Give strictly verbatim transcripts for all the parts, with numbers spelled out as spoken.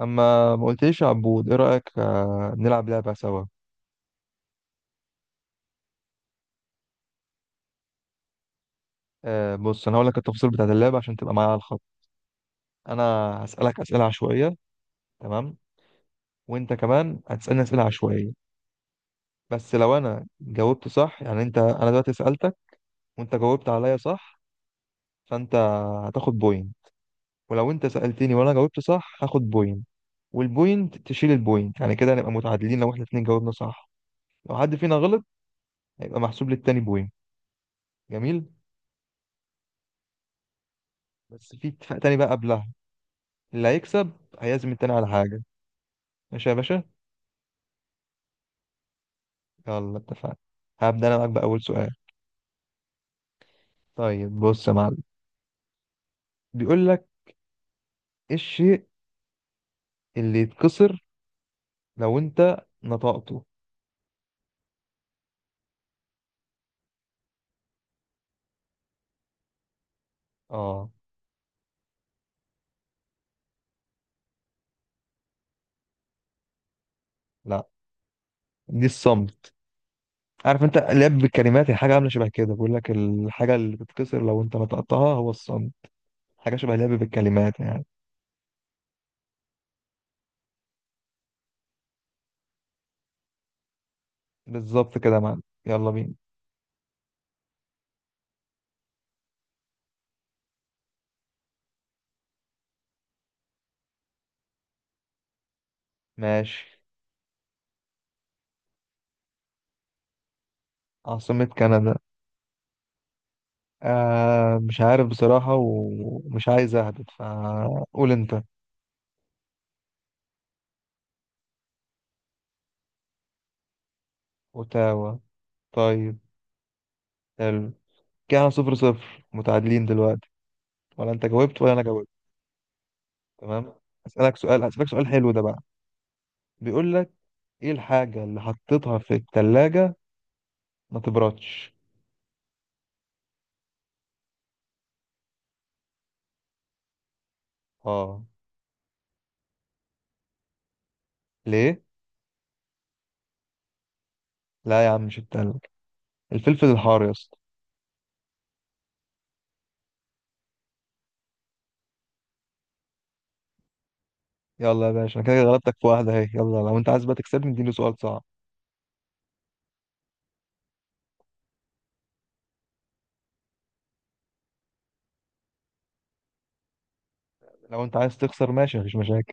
اما ما قلتليش يا عبود ايه رايك، آه، نلعب لعبه سوا؟ آه، بص انا هقول لك التفاصيل بتاعه اللعبه عشان تبقى معايا على الخط. انا هسالك اسئله عشوائيه. تمام. وانت كمان هتسالني اسئله عشوائيه. بس لو انا جاوبت صح، يعني انت انا دلوقتي سالتك وانت جاوبت عليا صح، فانت هتاخد بوينت. ولو انت سالتني وانا جاوبت صح هاخد بوينت، والبوينت تشيل البوينت، يعني كده نبقى متعادلين لو احنا الاتنين جاوبنا صح. لو حد فينا غلط هيبقى محسوب للتاني بوينت. جميل. بس في اتفاق تاني بقى قبلها، اللي هيكسب هيعزم التاني على حاجة. ماشي يا باشا. يلا اتفقنا. هبدأ أنا معاك بأول سؤال. طيب بص يا معلم، بيقول لك إيه الشيء اللي يتكسر لو أنت نطقته؟ آه. لا، دي الصمت. عارف أنت لعب بالكلمات، هي حاجة عاملة شبه كده. بيقول لك الحاجة اللي بتتكسر لو أنت نطقتها هو الصمت، حاجة شبه لعب بالكلمات يعني. بالظبط كده يا معلم، يلا بينا. ماشي. عاصمة كندا، آه مش عارف بصراحة ومش عايز أهبط، فقول أنت. أوتاوا. طيب. حلو. كده احنا صفر صفر متعادلين دلوقتي، ولا انت جاوبت ولا انا جاوبت. تمام. اسالك سؤال هسالك سؤال حلو ده بقى، بيقول لك ايه الحاجه اللي حطيتها في الثلاجه ما تبردش؟ اه. ليه؟ لا يا عم، مش التلج. الفلفل الحار يا اسطى. يلا يا باشا، انا كده غلبتك في واحده اهي، يلا لو انت عايز بقى تكسبني اديني سؤال صعب. لو انت عايز تخسر ماشي مفيش مشاكل.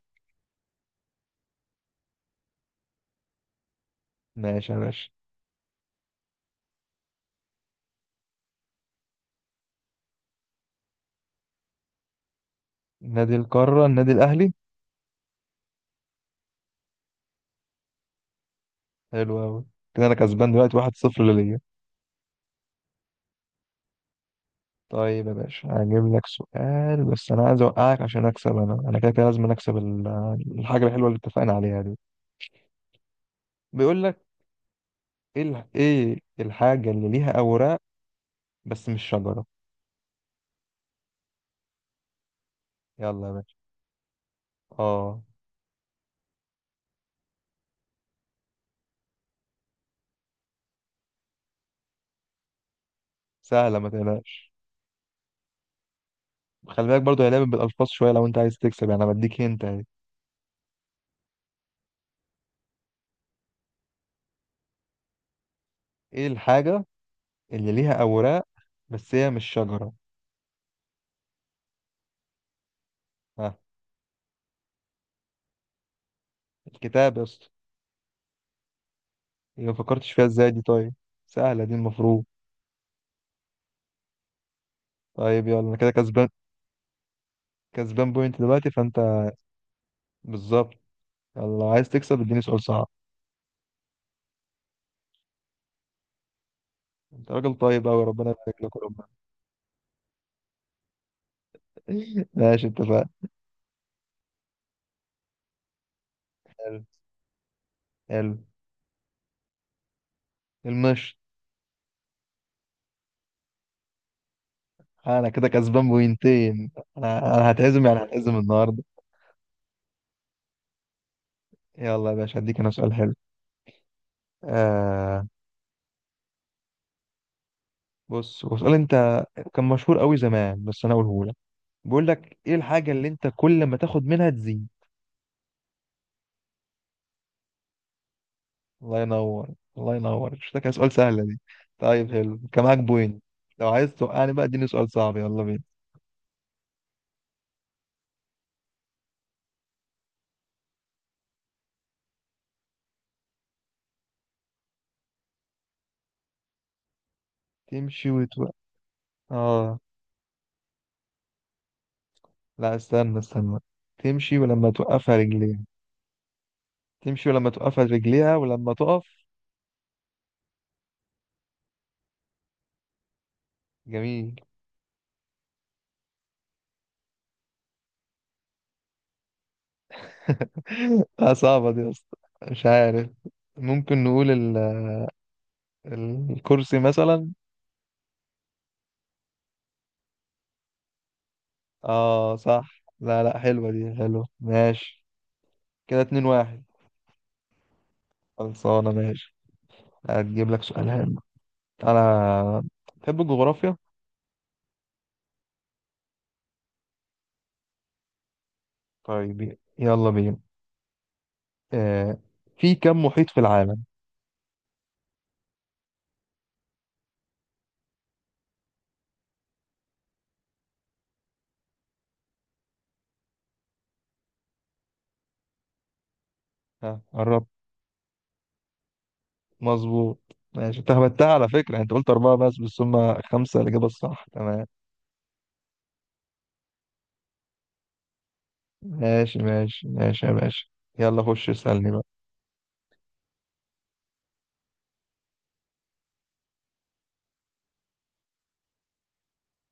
ماشي يا باشا. نادي القاره، النادي الاهلي. حلو قوي. كده انا كسبان دلوقتي واحد صفر ليا. طيب يا باشا هجيب لك سؤال، بس انا عايز اوقعك عشان اكسب، انا انا كده كده لازم اكسب ال- الحاجه الحلوه اللي اتفقنا عليها دي. بيقول لك ايه ال- ايه الحاجه اللي ليها اوراق بس مش شجره. يلا يا باشا. اه. سهله ما تقلقش. خلي بالك برضه هي لعبه بالالفاظ شويه، لو انت عايز تكسب يعني انا بديك هنت اهي. ايه الحاجه اللي ليها اوراق بس هي مش شجره؟ ها. الكتاب يا اسطى. إيه، ما فكرتش فيها ازاي دي؟ طيب، سهله دي المفروض. طيب يلا انا كده كسبان كسبان بوينت دلوقتي فانت. بالظبط. يلا عايز تكسب اديني سؤال صعب. انت راجل طيب قوي، ربنا يبارك لك وربنا. ماشي اتفقنا. حلو. حلو. المشط. انا كده كسبان بوينتين. انا انا هتعزم يعني هتعزم النهارده. يلا يا باشا هديك انا سؤال حلو. آه بص هو سؤال، انت كان مشهور قوي زمان بس انا اقوله لك. بيقول لك ايه الحاجه اللي انت كل ما تاخد منها تزيد؟ الله ينور. الله ينور، مش ده كان سؤال سهله دي؟ طيب حلو، كان معاك بوينت. لو عايز توقعني بقى اديني سؤال صعب، يلا بينا. تمشي وتوقع. اه. لا، استنى استنى. تمشي ولما توقفها رجليها. تمشي ولما توقفها رجليها ولما تقف. جميل. لا، صعبة دي اصلا. مش عارف. ممكن نقول ال... الكرسي مثلا. اه صح، لا لا، حلوة دي حلوة، ماشي. كده اتنين واحد. خلصانة ماشي. هتجيب لك سؤال حلو. انا بحب الجغرافيا. طيب يلا بينا. آه. في كم محيط في العالم؟ ها قربت. مظبوط. ماشي، انت هبتها على فكرة، يعني انت قلت أربعة بس بس هما خمسة، الإجابة الصح. تمام. ماشي ماشي ماشي يا باشا. يلا خش اسألني بقى.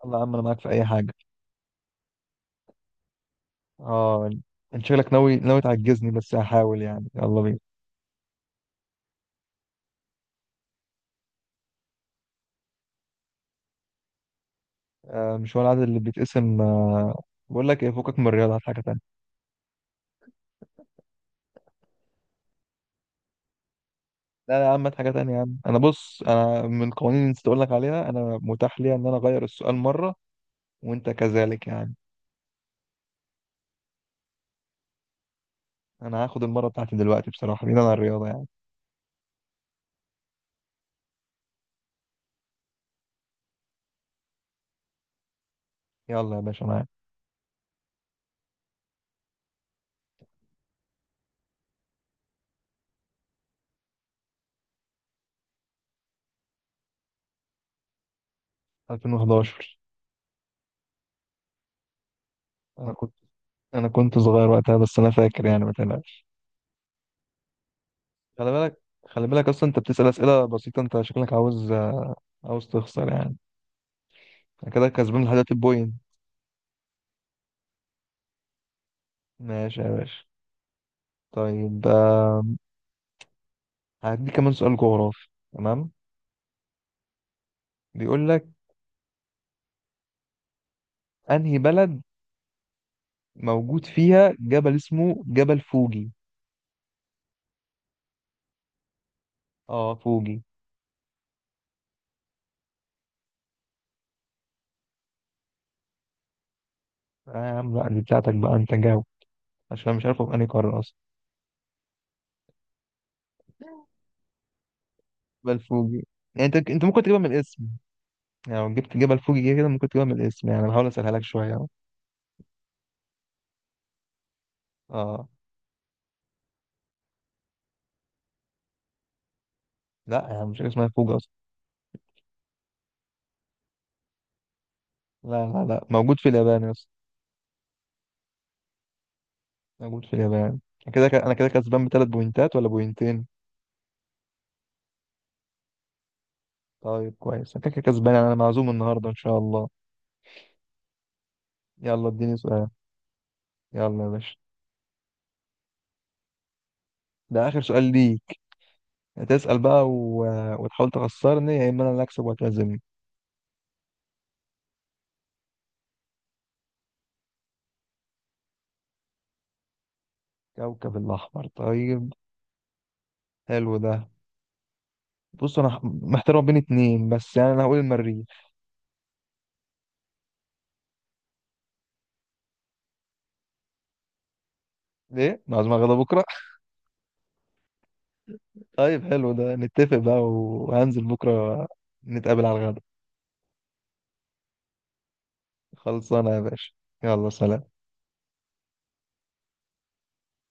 يلا يا عم، أنا معاك في أي حاجة. اه. انت شكلك ناوي ناوي تعجزني، بس هحاول يعني، يلا بينا. آه مش هو العدد اللي بيتقسم، آه، بقول لك ايه، فوقك من الرياضة هات حاجة تانية. لا لا يا عم، هات حاجة تانية يا عم، أنا بص، أنا من القوانين اللي نسيت أقول لك عليها، أنا متاح لي إن أنا أغير السؤال مرة، وأنت كذلك يعني. أنا هاخد المرة بتاعتي دلوقتي بصراحة، بعيدا عن الرياضة يعني. يلا يا باشا معاك. ألفين وحداشر. أنا كنت انا كنت صغير وقتها، بس انا فاكر يعني ما تقلقش. خلي بالك، خلي بالك اصلا انت بتسأل اسئله بسيطه، انت شكلك عاوز عاوز تخسر يعني. أنا كده كسبان لحد البوينت. ماشي يا باشا. طيب. آه، هديك كمان سؤال جغرافي. تمام، بيقول لك انهي بلد موجود فيها جبل اسمه جبل فوجي؟ اه فوجي. آه يا عم، لا دي بتاعتك بقى، انت جاوب، عشان أنا مش عارفه في انهي قاره اصلا. جبل فوجي، يعني انت انت ممكن تجيبها من الاسم، يعني لو جبت جبل فوجي كده ممكن تجيبها من الاسم، يعني أنا بحاول اسهلها لك شويه أهو. اه. لا يعني مش اسمها فوج اصلا. لا لا لا، موجود في اليابان يا اسطى. موجود في اليابان. أنا كده ك... انا كده كسبان بثلاث بوينتات ولا بوينتين. طيب كويس، انا كده كده كسبان يعني، انا معزوم النهارده ان شاء الله. يلا اديني سؤال. يلا يا باشا. ده اخر سؤال ليك، هتسأل بقى و... وتحاول تخسرني، يا اما انا اللي اكسب وتعزمني. كوكب الاحمر، طيب. حلو ده. بص انا ح- محتار ما بين اتنين بس، يعني انا هقول المريخ. ليه معزوم على غدا بكره؟ طيب حلو ده، نتفق بقى وهنزل بكره نتقابل على الغدا. خلصانة يا باشا. يلا سلام.